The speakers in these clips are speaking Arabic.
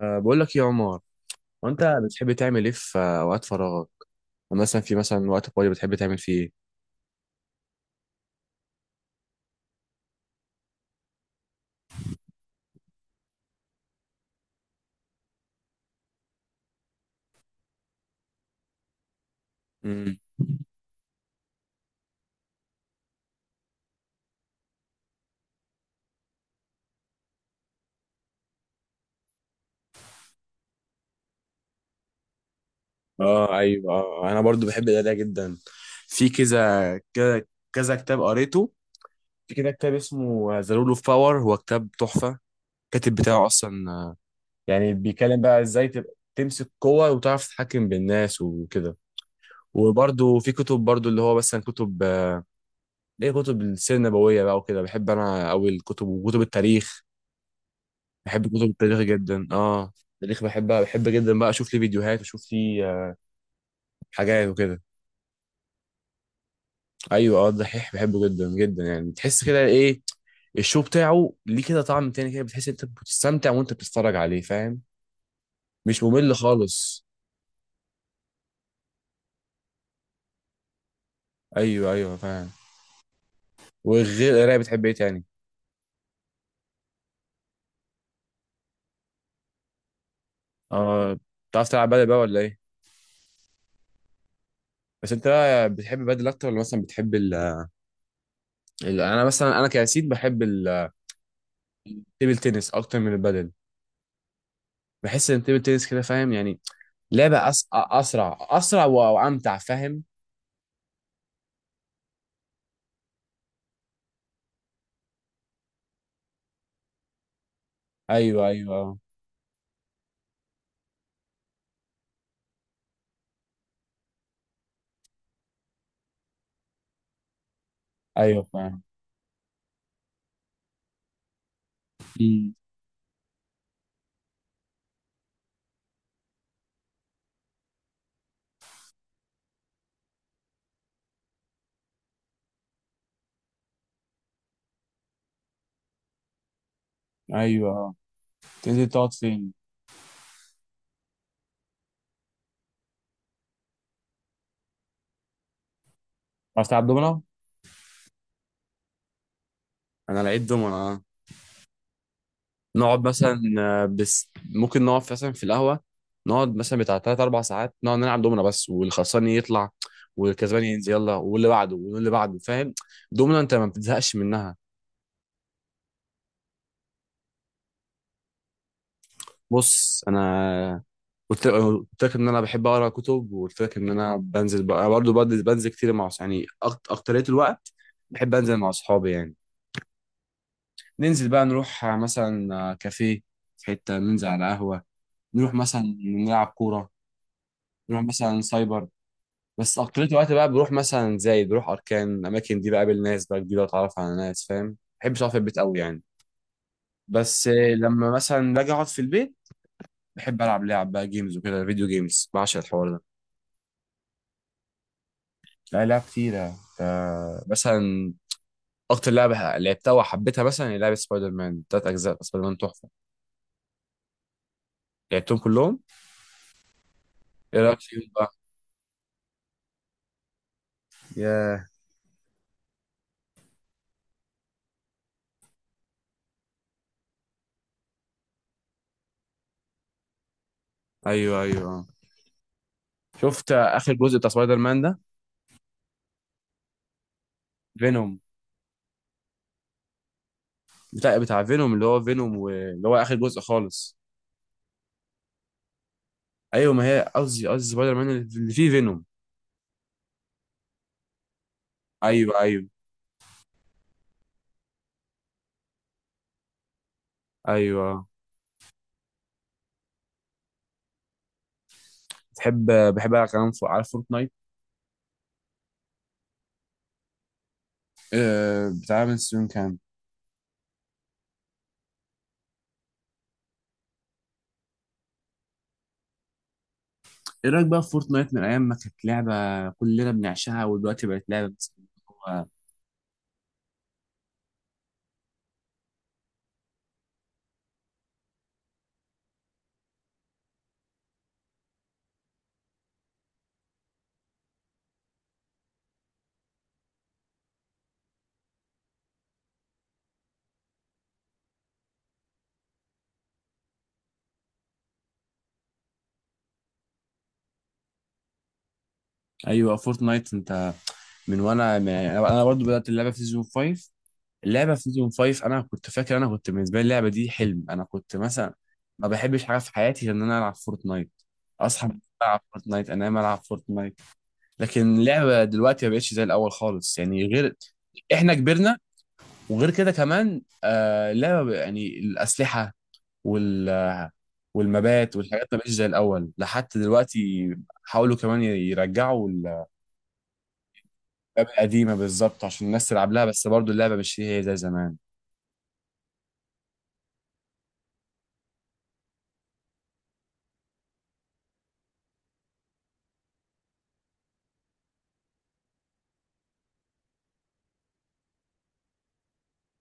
بقول لك يا عمر، انت بتحب تعمل ايه في اوقات فراغك؟ مثلا مثلا وقت فاضي بتحب تعمل فيه ايه؟ امم. اه ايوه آه. انا برضو بحب القرايه جدا. في كذا كذا كتاب قريته. في كده كتاب اسمه ذا رول اوف باور، هو كتاب تحفه. الكاتب بتاعه اصلا يعني بيتكلم بقى ازاي تبقى تمسك قوه وتعرف تتحكم بالناس وكده. وبرضو في كتب برضو اللي هو مثلا كتب ليه، كتب السيره النبويه بقى وكده. بحب انا قوي الكتب وكتب التاريخ. بحب كتب التاريخ جدا، اه التاريخ بحبها، بحب جدا بقى اشوف ليه فيديوهات واشوف ليه حاجات وكده. ايوه، اه الدحيح بحبه جدا جدا. يعني تحس كده ايه، الشو بتاعه ليه كده طعم تاني، كده بتحس انت بتستمتع وانت بتتفرج عليه، فاهم؟ مش ممل خالص. ايوه ايوه فاهم. وغير القرايه بتحب ايه تاني؟ اه. بتعرف تلعب بدل بقى ولا ايه؟ بس انت بقى بتحب بدل اكتر ولا مثلا بتحب انا مثلا، انا كياسين بحب التيبل تنس اكتر من البدل. بحس ان التيبل تنس كده فاهم يعني، لعبة أسرع، وأمتع فاهم. أيوه أيوه أه. أيوه فاهم. أمم. أيوه أه. تنزل تقعد فين؟ عايز تلعب دومنا؟ انا لقيت دومنة، اه. نقعد مثلا بس ممكن نقعد مثلا في القهوه، نقعد مثلا بتاع تلات اربع ساعات نقعد نلعب دومنة بس. والخسران يطلع والكسبان ينزل، يلا واللي بعده واللي بعده فاهم. دومنة انت ما بتزهقش منها. بص انا، قلت لك ان انا بحب اقرا كتب، وقلت لك ان انا بنزل بقى برضه، بنزل كتير مع اكترية الوقت بحب انزل مع اصحابي يعني. ننزل بقى نروح مثلا كافيه، في حتة ننزل على قهوة، نروح مثلا نلعب كورة، نروح مثلا سايبر. بس اكترية الوقت بقى بروح مثلا زايد، بروح اركان، الاماكن دي بقابل ناس بقى جديدة، اتعرف على ناس فاهم. ما بحبش اقعد في البيت قوي يعني. بس لما مثلا باجي اقعد في البيت، بحب العب لعب بقى جيمز وكده، فيديو جيمز بعشق الحوار ده. لا لعب كتيرة. مثلا أكتر لعبة لعبتها وحبيتها مثلا هي لعبة سبايدر مان تلات أجزاء. سبايدر مان تحفة، لعبتهم كلهم. إيه رأيك فيهم بقى؟ ياه. أيوه أيوه آه. شفت آخر جزء بتاع سبايدر مان ده؟ فينوم، بتاع فينوم اللي هو فينوم، واللي هو آخر جزء خالص. أيوه، ما هي قصدي، قصدي سبايدر مان اللي فيه فينوم. أيوه أيوه. أيوه بتحب، بحب ألعب كمان فوق على فورتنايت. بتاع من سنين كام؟ ايه رايك بقى في فورتنايت من ايام ما كانت لعبه كلنا بنعشقها، ودلوقتي بقت لعبه بس؟ هو- ايوه فورتنايت، انت من، وانا من يعني انا برضو بدات اللعبه في سيزون 5. اللعبه في سيزون 5، انا كنت فاكر، انا كنت بالنسبه لي اللعبه دي حلم. انا كنت مثلا ما بحبش حاجه في حياتي غير ان انا العب فورتنايت. اصحى من النوم العب فورتنايت، انام العب فورتنايت. لكن اللعبه دلوقتي ما بقتش زي الاول خالص يعني، غير احنا كبرنا. وغير كده كمان آه، يعني الاسلحه وال والمبات والحاجات ما بقتش زي الاول لحد دلوقتي. حاولوا كمان يرجعوا اللعبه القديمه بالظبط عشان الناس تلعب لها، بس برضو اللعبه مش هي زي زمان.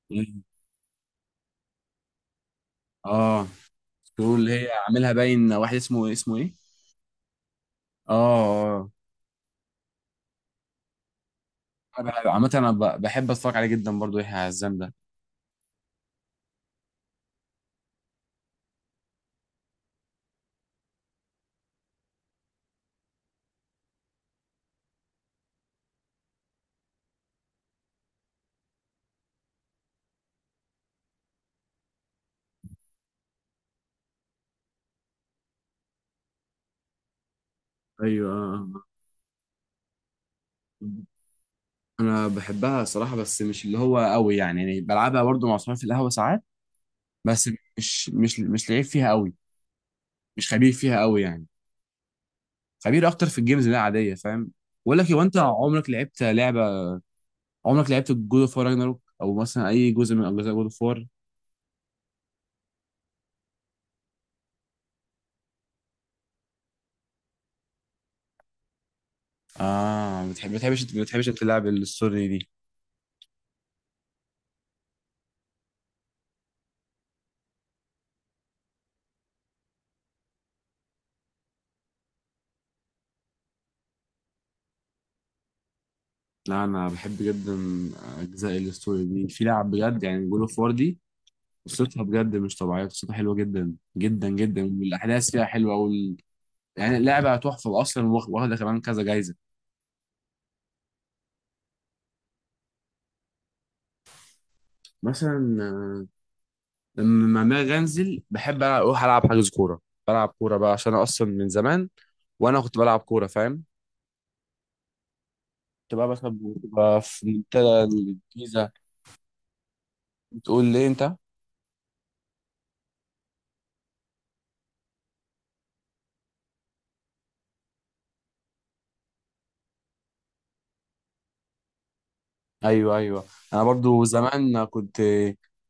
مم. اه سكرول اللي هي عاملها باين واحد اسمه إيه؟ اسمه ايه؟ اه. اه عامه بحب اتفرج عليه جدا برضو، يحيى عزام ده. ايوه آه، آه. انا بحبها صراحه، بس مش اللي هو قوي يعني، يعني بلعبها برضو مع صحابي في القهوه ساعات. بس مش لعيب فيها قوي، مش خبير فيها قوي يعني. خبير اكتر في الجيمز اللي هي عاديه فاهم. بقول لك، هو انت عمرك لعبت لعبه، عمرك لعبت جود اوف وار راجناروك او مثلا اي جزء من اجزاء جود اوف وار؟ اه ما بتحبش انت تلعب الستوري دي؟ لا انا بحب جدا اجزاء الستوري دي. في لعب بجد يعني، جود اوف وار دي قصتها بجد مش طبيعيه. قصتها حلوه جدا جدا جدا، والاحداث فيها حلوه يعني اللعبه تحفه اصلا، واخده كمان كذا جايزه. مثلا لما ما انزل، بحب أنا اروح العب حجز كوره. بلعب كوره بقى عشان أنا اصلا من زمان وانا كنت بلعب كوره فاهم. كنت بقى مثلا بتبقى في منتدى الجيزة. بتقول لي انت؟ ايوه ايوه. انا برضو زمان كنت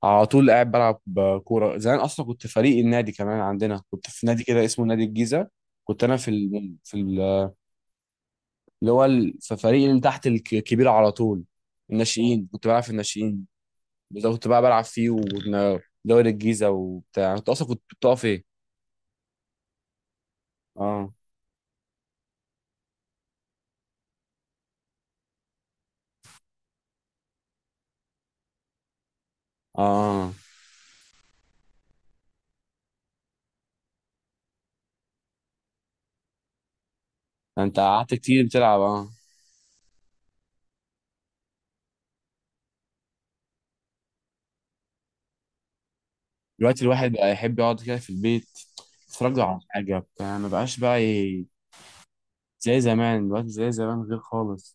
على طول قاعد بلعب كوره. زمان اصلا كنت فريق النادي كمان عندنا، كنت في نادي كده اسمه نادي الجيزه. كنت انا في ال... في ال... اللي هو ال... في فريق اللي تحت الكبير على طول. الناشئين، كنت بلعب في الناشئين. ده كنت بقى بلعب فيه، ودوري الجيزه وبتاع. انت اصلا كنت بتقف ايه؟ اه اه. انت قعدت كتير بتلعب، اه. دلوقتي الواحد بقى يحب يقعد كده في البيت، يتفرج على حاجة بتاع، ما بقاش بقى زي زمان. دلوقتي زي زمان غير خالص.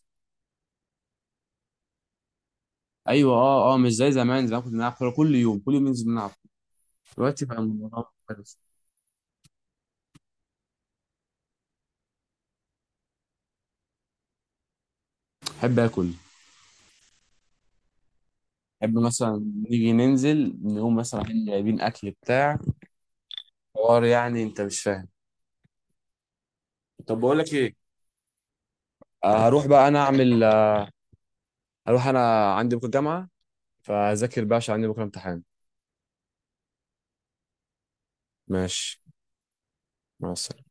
أيوة أه أه، مش زي زمان. زمان كنا بنلعب كورة كل يوم، كل يوم ننزل نلعب. دلوقتي بقى الموضوع مختلف. أحب آكل. أحب مثلا نيجي ننزل نقوم مثلا رايحين جايبين أكل بتاع، حوار يعني أنت مش فاهم. طب بقول لك إيه، هروح بقى أنا أعمل هروح، أنا عندي بكرة جامعة، فأذاكر بقى عشان عندي بكرة امتحان. ماشي. مع السلامة.